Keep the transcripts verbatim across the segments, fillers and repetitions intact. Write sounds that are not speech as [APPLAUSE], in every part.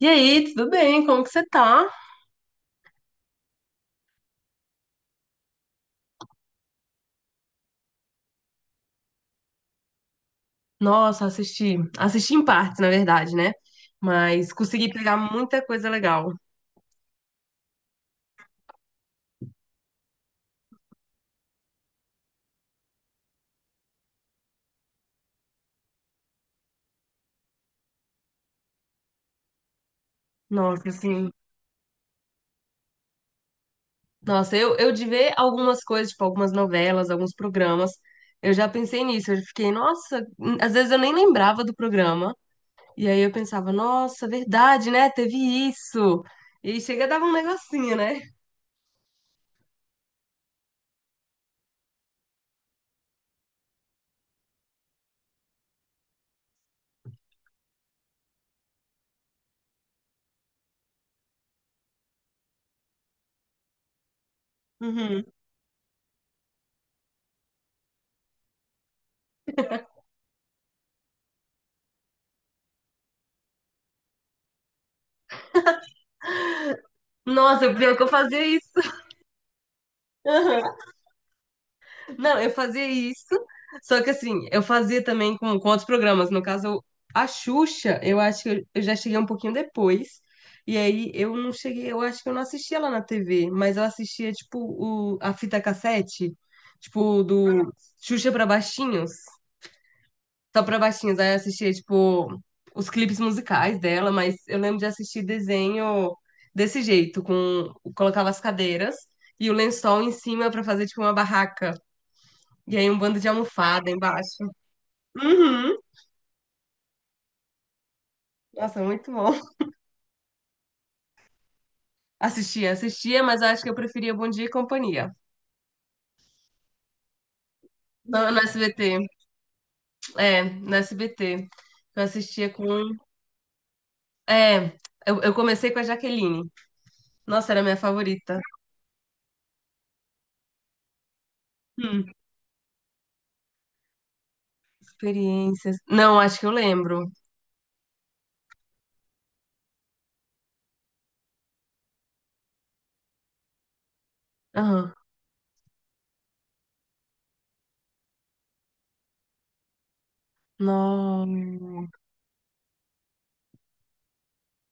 E aí, tudo bem? Como que você tá? Nossa, assisti, assisti em partes, na verdade, né? Mas consegui pegar muita coisa legal. Nossa, assim, nossa, eu, eu de ver algumas coisas, tipo algumas novelas, alguns programas, eu já pensei nisso, eu fiquei, nossa, hum, às vezes eu nem lembrava do programa, e aí eu pensava, nossa, verdade, né? Teve isso. E aí chega e dava um negocinho, né? Uhum. Nossa, pior que eu fazia isso. [LAUGHS] Não, eu fazia isso, só que assim, eu fazia também com, com outros programas. No caso, eu- a Xuxa, eu acho que eu, eu já cheguei um pouquinho depois. E aí eu não cheguei, eu acho que eu não assistia lá na T V, mas eu assistia, tipo, o, a fita cassete, tipo, do Xuxa pra Baixinhos, só pra Baixinhos. Aí eu assistia, tipo, os clipes musicais dela, mas eu lembro de assistir desenho desse jeito, com, colocava as cadeiras e o lençol em cima pra fazer, tipo, uma barraca. E aí um bando de almofada embaixo. Uhum. Nossa, muito bom. Assistia, assistia, mas acho que eu preferia Bom Dia e Companhia. No, no S B T. É, no S B T. Eu assistia com. É, eu, eu comecei com a Jaqueline. Nossa, era a minha favorita. Hum, experiências. Não, acho que eu lembro. Aham. Não.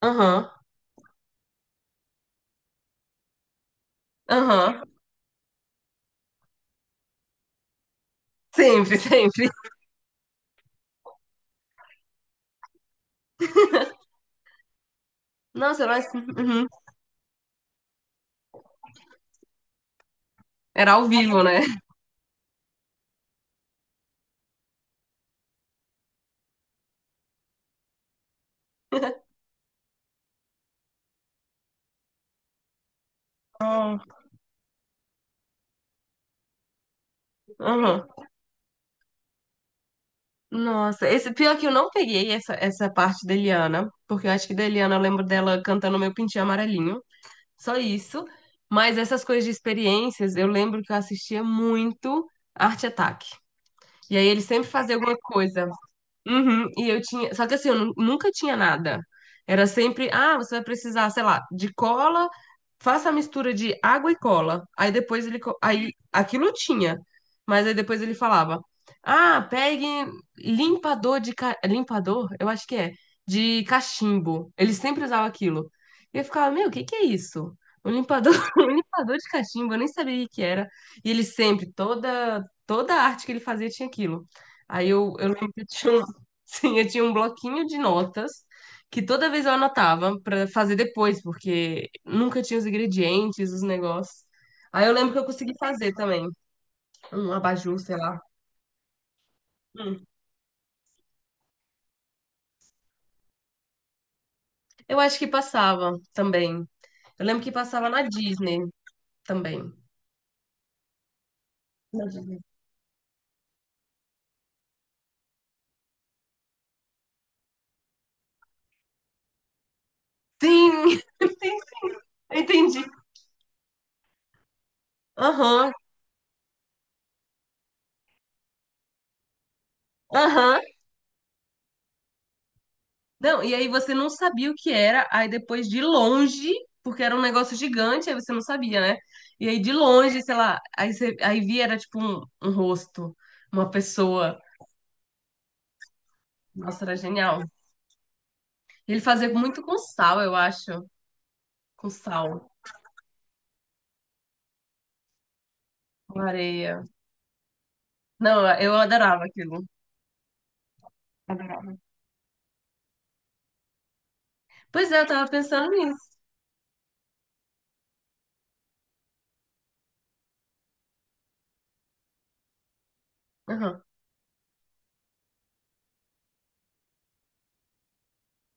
Aham. Aham. Sempre, [LAUGHS] sempre. Nossa, era, assim, uhum. Era ao vivo, né? Aham. Nossa, esse pior que eu não peguei essa, essa parte da Eliana, porque eu acho que da Eliana eu lembro dela cantando Meu Pintinho Amarelinho, só isso. Mas essas coisas de experiências, eu lembro que eu assistia muito Arte Ataque. E aí ele sempre fazia alguma coisa. Uhum, e eu tinha. Só que assim, eu nu- nunca tinha nada. Era sempre, ah, você vai precisar, sei lá, de cola, faça a mistura de água e cola. Aí depois ele. co- Aí aquilo tinha. Mas aí depois ele falava, ah, pegue limpador de. Ca- Limpador? Eu acho que é. De cachimbo. Ele sempre usava aquilo. E eu ficava, meu, o que que é isso? Um limpador, [LAUGHS] um limpador de cachimbo, eu nem sabia o que era. E ele sempre, toda, toda a arte que ele fazia tinha aquilo. Aí eu, eu lembro que tinha um. Sim, eu tinha um bloquinho de notas que toda vez eu anotava pra fazer depois, porque nunca tinha os ingredientes, os negócios. Aí eu lembro que eu consegui fazer também um abajur, sei lá. Hum. Eu acho que passava também. Eu lembro que passava na Disney também. Na Disney. Sim, [LAUGHS] sim, entendi. Aham, aham. Não, e aí você não sabia o que era, aí depois de longe, porque era um negócio gigante, aí você não sabia, né? E aí de longe, sei lá, aí, você, aí via era tipo um, um rosto, uma pessoa. Nossa, era genial. Ele fazia muito com sal, eu acho. Com sal, com areia. Não, eu adorava aquilo. Adorava. Pois é, eu tava pensando nisso. Aham.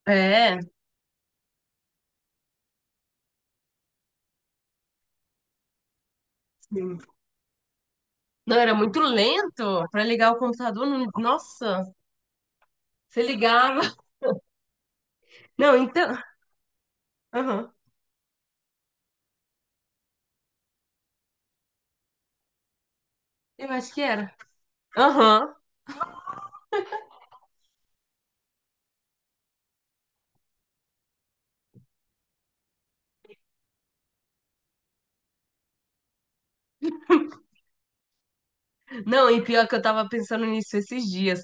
É, sim. Não, era muito lento pra ligar o computador. não- Nossa, você ligava. Não, então. Aham. Eu acho que era. Aham. Não, e pior que eu tava pensando nisso esses dias,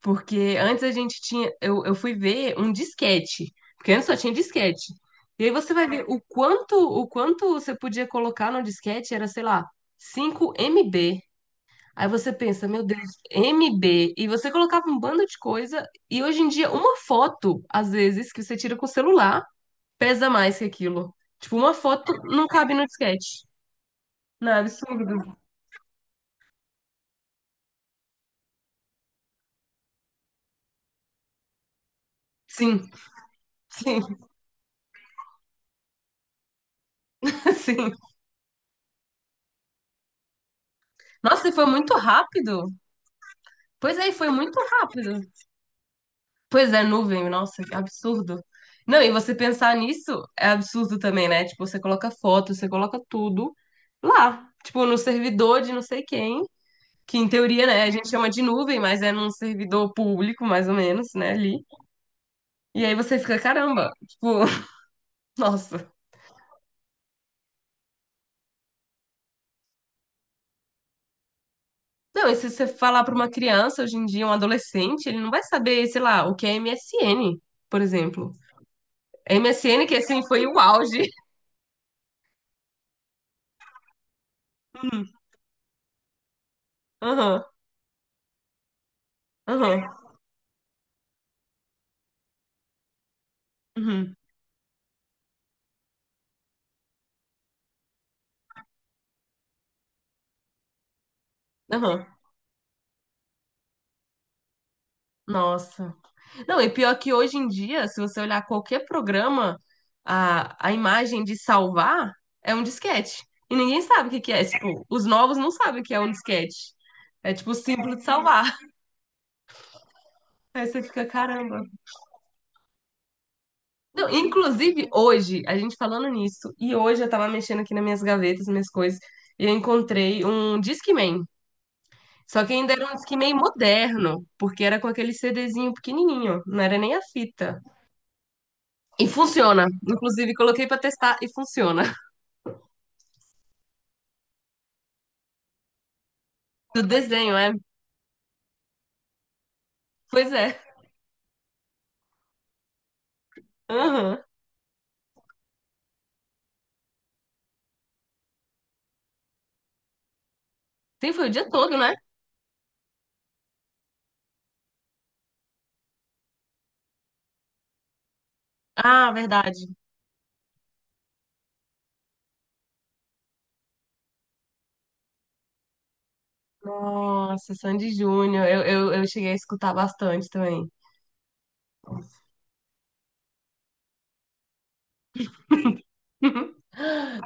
porque antes a gente tinha, eu, eu fui ver um disquete, porque antes só tinha disquete. E aí você vai ver o quanto, o quanto você podia colocar no disquete era, sei lá, cinco M B. Aí você pensa, meu Deus, M B. E você colocava um bando de coisa, e hoje em dia uma foto, às vezes, que você tira com o celular, pesa mais que aquilo. Tipo, uma foto não cabe no disquete. Não, é absurdo. Sim, sim, [LAUGHS] sim. Nossa, e foi muito rápido. Pois é, e foi muito rápido. Pois é, nuvem, nossa, que absurdo. Não, e você pensar nisso é absurdo também, né? Tipo, você coloca foto, você coloca tudo lá. Tipo, no servidor de não sei quem, que em teoria, né, a gente chama de nuvem, mas é num servidor público, mais ou menos, né, ali. E aí você fica, caramba, tipo, [LAUGHS] nossa. Não, e se você falar pra uma criança hoje em dia, um adolescente, ele não vai saber, sei lá, o que é M S N, por exemplo. M S N que, assim, foi o auge. [LAUGHS] Aham, aham, uhum, aham. Nossa. Não, e pior que hoje em dia, se você olhar qualquer programa, a, a imagem de salvar é um disquete. E ninguém sabe o que que é. Tipo, os novos não sabem o que é um disquete. É tipo simples de salvar. [LAUGHS] Aí você fica, caramba. Não, inclusive, hoje, a gente falando nisso, e hoje eu tava mexendo aqui nas minhas gavetas, minhas coisas, e eu encontrei um Discman. Só que ainda era um Discman moderno, porque era com aquele CDzinho pequenininho, não era nem a fita. E funciona. Inclusive, coloquei pra testar e funciona. Do desenho, é? Pois é. Aham. Sim, foi o dia todo, né? Ah, verdade. Nossa, Sandy Júnior. Eu, eu, eu cheguei a escutar bastante também. [LAUGHS]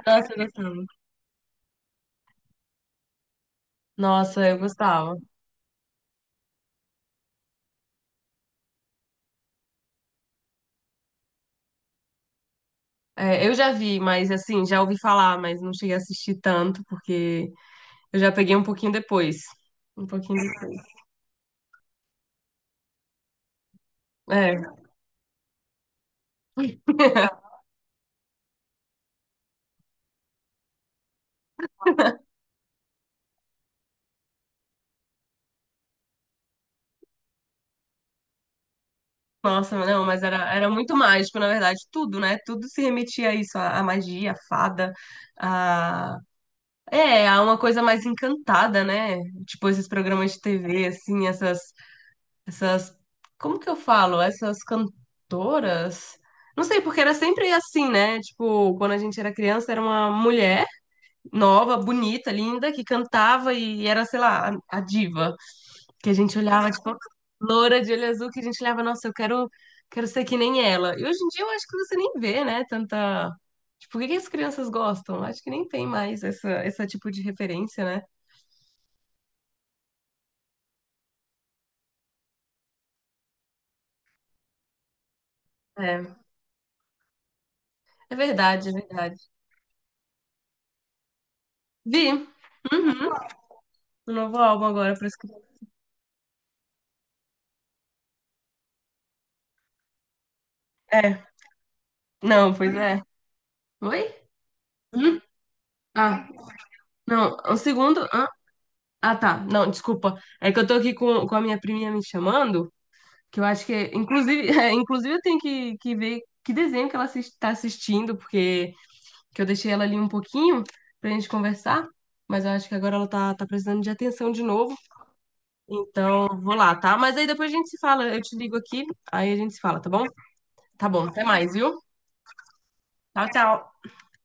Nossa, eu gostava. Nossa, eu gostava. É, eu já vi, mas assim, já ouvi falar, mas não cheguei a assistir tanto, porque eu já peguei um pouquinho depois. Um pouquinho depois. É. Nossa, não, mas era, era muito mágico, na verdade, tudo, né? Tudo se remetia a isso, a, a magia, a fada, a... É, a uma coisa mais encantada, né? Tipo, esses programas de T V, assim, essas, essas... Como que eu falo? Essas cantoras? Não sei, porque era sempre assim, né? Tipo, quando a gente era criança, era uma mulher nova, bonita, linda, que cantava e era, sei lá, a, a diva. Que a gente olhava, tipo, loura de olho azul, que a gente olhava, nossa, eu quero, quero ser que nem ela. E hoje em dia eu acho que você nem vê, né? Tanta. Tipo, o que que as crianças gostam? Acho que nem tem mais essa, esse tipo de referência, né? É, é verdade, é verdade. Vi, uhum, o novo álbum agora para crianças. É, não, pois é. Oi? Hum? Ah, não, um segundo. Ah, ah, tá, não, desculpa. É que eu tô aqui com, com a minha priminha me chamando. Que eu acho que, é- inclusive, [LAUGHS] é, inclusive eu tenho que, que ver que desenho que ela está assistindo, porque que eu deixei ela ali um pouquinho pra gente conversar, mas eu acho que agora ela tá, tá precisando de atenção de novo. Então, vou lá, tá? Mas aí depois a gente se fala, eu te ligo aqui, aí a gente se fala, tá bom? Tá bom, até mais, viu? Tchau, tchau.